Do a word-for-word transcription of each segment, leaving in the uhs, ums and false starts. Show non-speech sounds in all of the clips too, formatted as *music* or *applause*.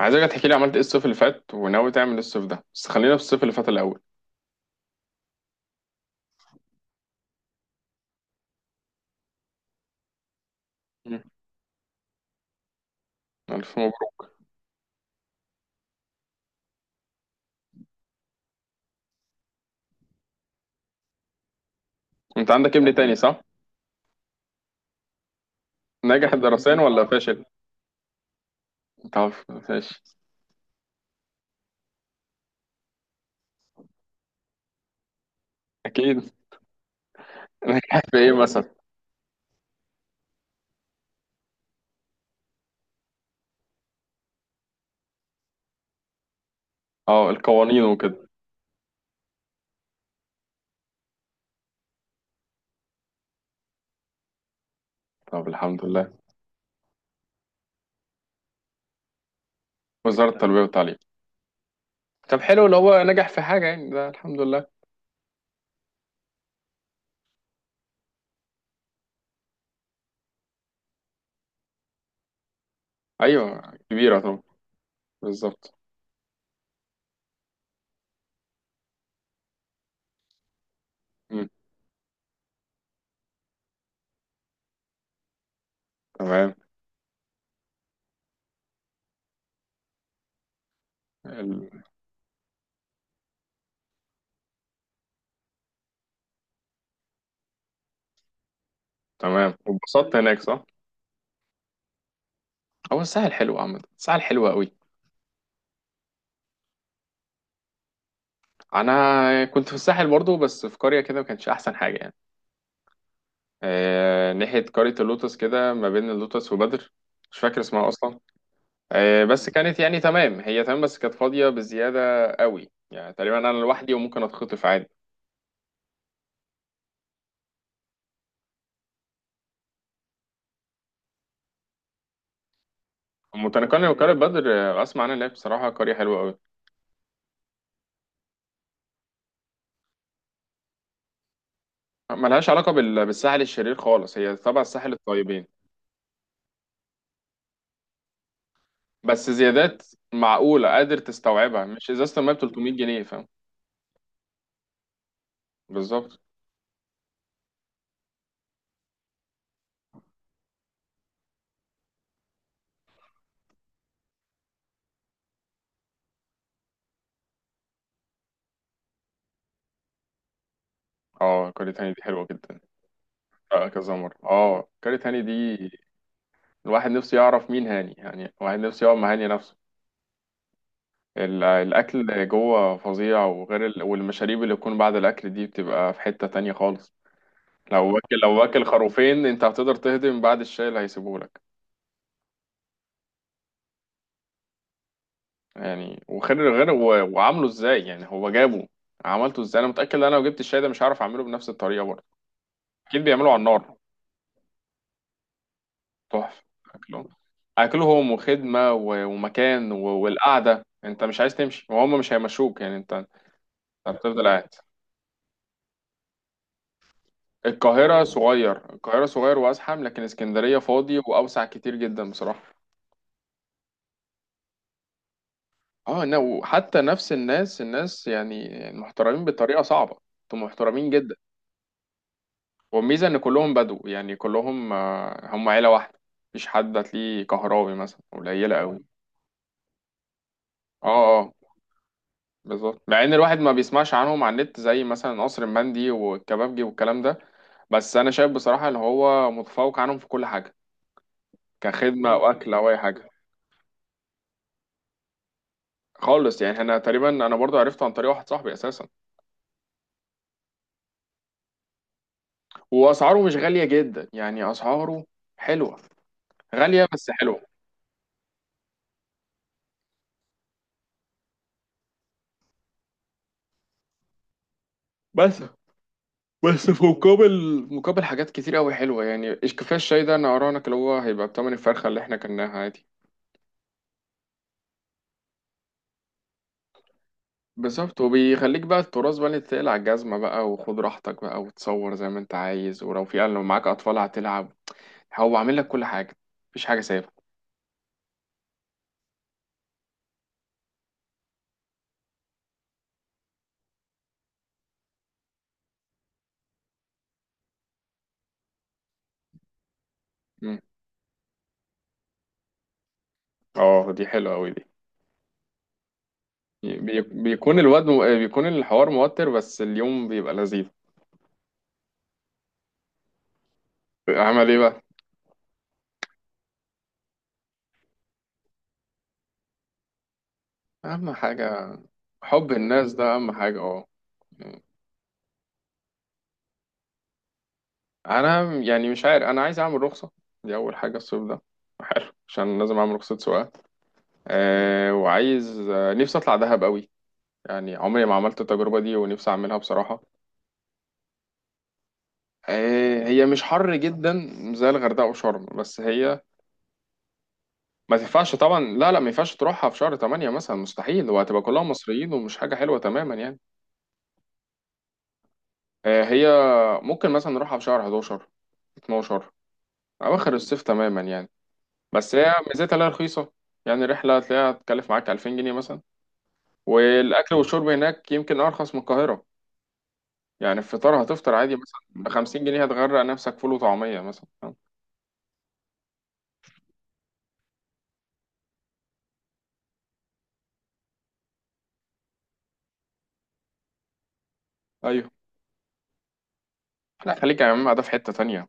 عايزك تحكي لي عملت ايه الصيف اللي فات، وناوي تعمل ايه الصيف ده، بس خلينا في الصيف اللي فات الاول. مم. الف مبروك. انت عندك ابن تاني صح؟ ناجح دراسيا ولا فاشل؟ طب. فاشل. اكيد *laughs* ناجح في ايه مثلا؟ اه، القوانين وكده. طب الحمد لله. وزارة التربية والتعليم. طب حلو، لو هو نجح في حاجة يعني ده الحمد لله. ايوه. كبيرة طبعا. بالظبط. مم. تمام. ال... تمام، واتبسطت هناك صح؟ هو الساحل حلو عامة، الساحل حلو قوي. انا كنت في الساحل برضو، بس في قرية كده ما كانش احسن حاجة يعني. آه، ناحية قرية اللوتس كده، ما بين اللوتس وبدر. مش فاكر اسمها أصلا. آه، بس كانت يعني تمام، هي تمام، بس كانت فاضية بزيادة قوي، يعني تقريبا أنا لوحدي وممكن أتخطف عادي. متنقلة وقرية بدر. آه، أسمع عنها إن هي بصراحة قرية حلوة قوي. ملهاش علاقة بال- بالساحل الشرير خالص، هي تبع الساحل الطيبين. بس زيادات معقولة قادر تستوعبها، مش إزازة المية ب ثلاثمائة جنيه، فاهم. بالظبط. اه قرية هاني دي حلوة جدا. آه، كذا مرة، اه قرية هاني دي. الواحد نفسه يعرف مين هاني يعني، الواحد نفسه يقعد مع هاني نفسه. ال- الأكل جوه فظيع، وغير ال... والمشاريب اللي بتكون بعد الأكل دي بتبقى في حتة تانية خالص. لو واكل، لو واكل خروفين، أنت هتقدر تهضم بعد الشاي اللي هيسيبهولك؟ يعني وغير غير و... وعامله إزاي يعني هو جابه، عملته إزاي؟ أنا متأكد إن أنا لو جبت الشاي ده مش هعرف أعمله بنفس الطريقة برضه. أكيد بيعملوا على النار. تحفة. أكلهم. أكلهم وخدمة و... ومكان و... والقعدة، أنت مش عايز تمشي وهم مش هيمشوك يعني، أنت أنت هتفضل قاعد. القاهرة صغير، القاهرة صغير وأزحم، لكن اسكندرية فاضي وأوسع كتير جدا بصراحة. اه، نا- وحتى نفس الناس، الناس يعني محترمين بطريقة صعبة. انتوا محترمين جدا. والميزة إن كلهم بدو، يعني كلهم، آه، هم عيلة واحدة. مفيش حد هتلاقيه كهراوي مثلا، قليلة أوي. اه، اه، بالظبط، مع إن الواحد ما بيسمعش عنهم على النت زي مثلا قصر المندي والكبابجي والكلام ده. بس أنا شايف بصراحة إن هو متفوق عنهم في كل حاجة، كخدمة وأكل أو أي حاجة. خالص، يعني انا تقريبا انا برضو عرفته عن طريق واحد صاحبي اساسا. واسعاره مش غاليه جدا، يعني اسعاره حلوه. غاليه بس حلوه. بس بس في مقابل مقابل حاجات كتير قوي حلوه، يعني إيش كفايه الشاي ده، انا اراهنك اللي هو هيبقى بتمن الفرخه اللي احنا كلناها عادي. بالظبط، وبيخليك بقى التراث بقى اللي تقلع على الجزمه بقى، وخد راحتك بقى وتصور زي ما انت عايز، ولو في لو معاك اطفال هتلعب، هو عامل لك كل حاجه، مفيش حاجه سايبه. مم. اه دي حلوه قوي دي. بي- بيكون الواد، بيكون الحوار موتر بس اليوم بيبقى لذيذ. عمل ايه بقى؟ اهم حاجة. حب الناس ده اهم حاجة، اه. انا يعني مش عارف، انا عايز اعمل رخصة، دي اول حاجة الصيف ده. حلو عشان لازم اعمل رخصة سواقة. أه وعايز، آه، نفسي اطلع دهب قوي، يعني عمري ما عملت التجربة دي ونفسي اعملها بصراحة. أه هي مش حر جدا زي الغردقة وشرم، بس هي ما تنفعش طبعا، لا لا، ما ينفعش تروحها في شهر تمانية مثلا، مستحيل، وهتبقى كلهم مصريين ومش حاجة حلوة تماما يعني. آه، هي ممكن مثلا نروحها في شهر حداشر، اتناشر، أواخر الصيف تماما يعني. بس هي ميزتها لها رخيصة، يعني الرحلة هتلاقيها تكلف معاك ألفين جنيه مثلا، والأكل والشرب هناك يمكن أرخص من القاهرة. يعني الفطار هتفطر عادي مثلا ب خمسين جنيه، هتغرق نفسك فول وطعمية مثلا. أيوه. لا خليك يا عم، ده في حتة تانية.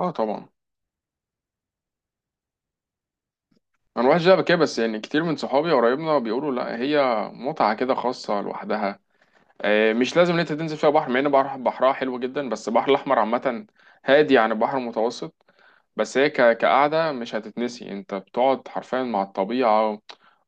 اه طبعا. انا الواحد شايف كده، بس يعني كتير من صحابي وقرايبنا بيقولوا لا، هي متعه كده خاصه لوحدها. آه، مش لازم ان انت تنزل فيها بحر، مع ان بحر بحرها حلو جدا، بس البحر الاحمر عامه هادي عن البحر المتوسط. بس هي ك- كقعده مش هتتنسي، انت بتقعد حرفيا مع الطبيعه،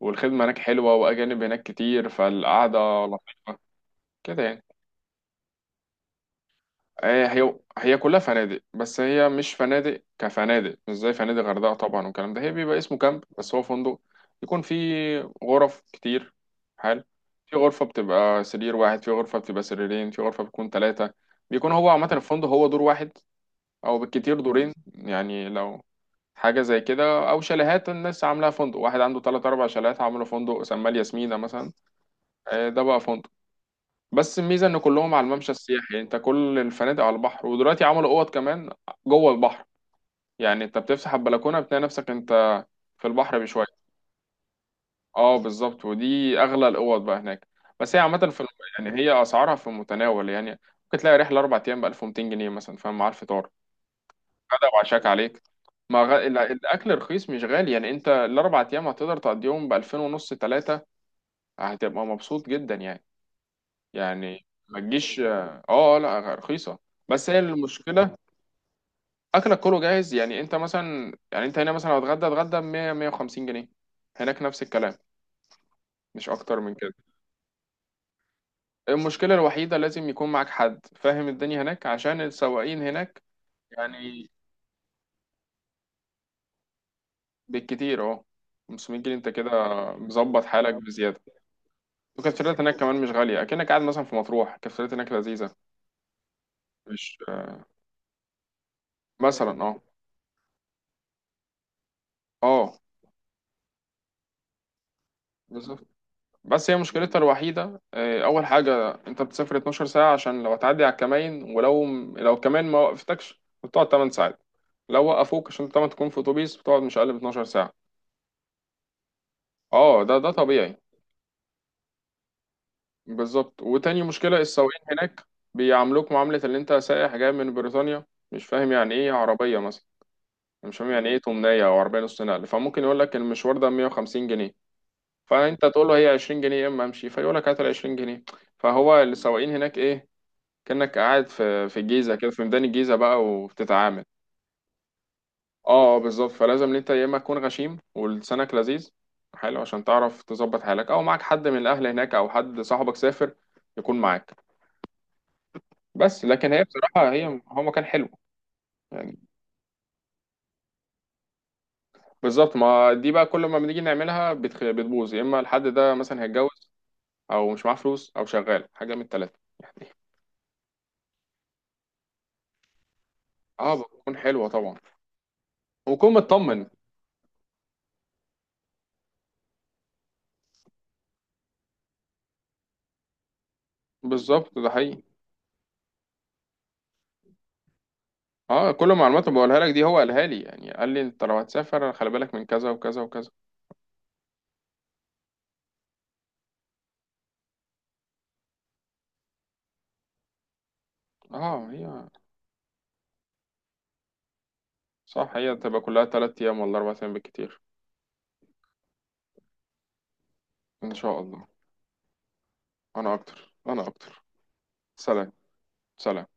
والخدمه هناك حلوه، واجانب هناك كتير، فالقعده لطيفه كده يعني. هي هي هي كلها فنادق، بس هي مش فنادق كفنادق، مش زي فنادق غردقة طبعا والكلام ده، هي بيبقى اسمه كامب بس هو فندق، يكون فيه غرف كتير. حلو. في غرفة بتبقى سرير واحد، في غرفة بتبقى سريرين، في غرفة بتكون ثلاثة. بيكون هو عامة الفندق هو دور واحد، أو بالكتير دورين، يعني لو حاجة زي كده، أو شاليهات الناس عاملاها فندق، واحد عنده تلات أربع شاليهات عامله فندق سماه الياسمينة مثلا. آه، ده بقى فندق. بس الميزه ان كلهم على الممشى السياحي، يعني انت كل الفنادق على البحر، ودلوقتي عملوا اوض كمان جوه البحر، يعني انت بتفتح البلكونه بتلاقي نفسك انت في البحر بشويه. اه بالظبط، ودي اغلى الاوض بقى هناك. بس هي عامه في الم... يعني هي اسعارها في المتناول يعني، ممكن تلاقي رحله اربع ايام ب ألف ومئتين جنيه مثلا، فاهم، مع الفطار، غدا وعشاك عليك. ما غ... ال- الاكل رخيص مش غالي، يعني انت الاربع ايام هتقدر تقضيهم ب ألفين ونص، ثلاثه، هتبقى مبسوط جدا يعني. يعني ما تجيش، اه، آه، لا رخيصه. بس هي المشكله اكلك كله جاهز، يعني انت مثلا، يعني انت هنا مثلا لو اتغدى، اتغدى ب مية، مية وخمسين جنيه، هناك نفس الكلام، مش اكتر من كده. المشكله الوحيده لازم يكون معاك حد فاهم الدنيا هناك عشان السواقين هناك يعني، بالكتير اهو خمسمية جنيه، انت كده مظبط حالك بزياده. والكافتريات هناك كمان مش غاليه، اكنك قاعد مثلا في مطروح، الكافتريات هناك لذيذه. مش، آه، مثلا، اه، اه، بس بس هي مشكلتها الوحيدة، آه، أول حاجة أنت بتسافر 12 ساعة، عشان لو هتعدي على الكماين، ولو لو كمان ما وقفتكش بتقعد 8 ساعات، لو وقفوك عشان طبعا تكون في أتوبيس بتقعد مش أقل من 12 ساعة. أه ده، ده طبيعي. بالظبط، وتاني مشكلة السواقين هناك، بيعاملوك معاملة اللي أنت سائح جاي من بريطانيا، مش فاهم يعني إيه عربية مثلا، مش فاهم يعني إيه تمنية أو عربية نص نقل، فممكن يقول لك المشوار ده مئة وخمسين جنيه، فأنت تقول له هي عشرين جنيه يا إما أمشي، فيقول لك هات ال عشرين جنيه. فهو السواقين هناك إيه، كأنك قاعد في في الجيزة كده، في ميدان الجيزة بقى وبتتعامل. اه، آه، بالظبط، فلازم إن انت يا اما تكون غشيم ولسانك لذيذ حلو، عشان تعرف تظبط حالك، او معاك حد من الاهل هناك او حد صاحبك سافر يكون معاك. بس لكن هي بصراحة، هي هو مكان حلو يعني. بالظبط، ما دي بقى كل ما بنيجي نعملها بتخ... بتبوظ، يا اما الحد ده مثلا هيتجوز، او مش معاه فلوس، او شغال، حاجة من التلاتة يعني. اه، بتكون حلوة طبعا، وكون مطمن. بالظبط ده حقيقي. اه، كل المعلومات اللي بقولها لك دي هو قالها لي، يعني قال لي انت لو هتسافر خلي بالك من كذا وكذا وكذا. اه هي. صح، هي تبقى كلها تلات ايام ولا اربع ايام بالكتير. ان شاء الله. انا اكتر، انا اكتر. سلام. سلام.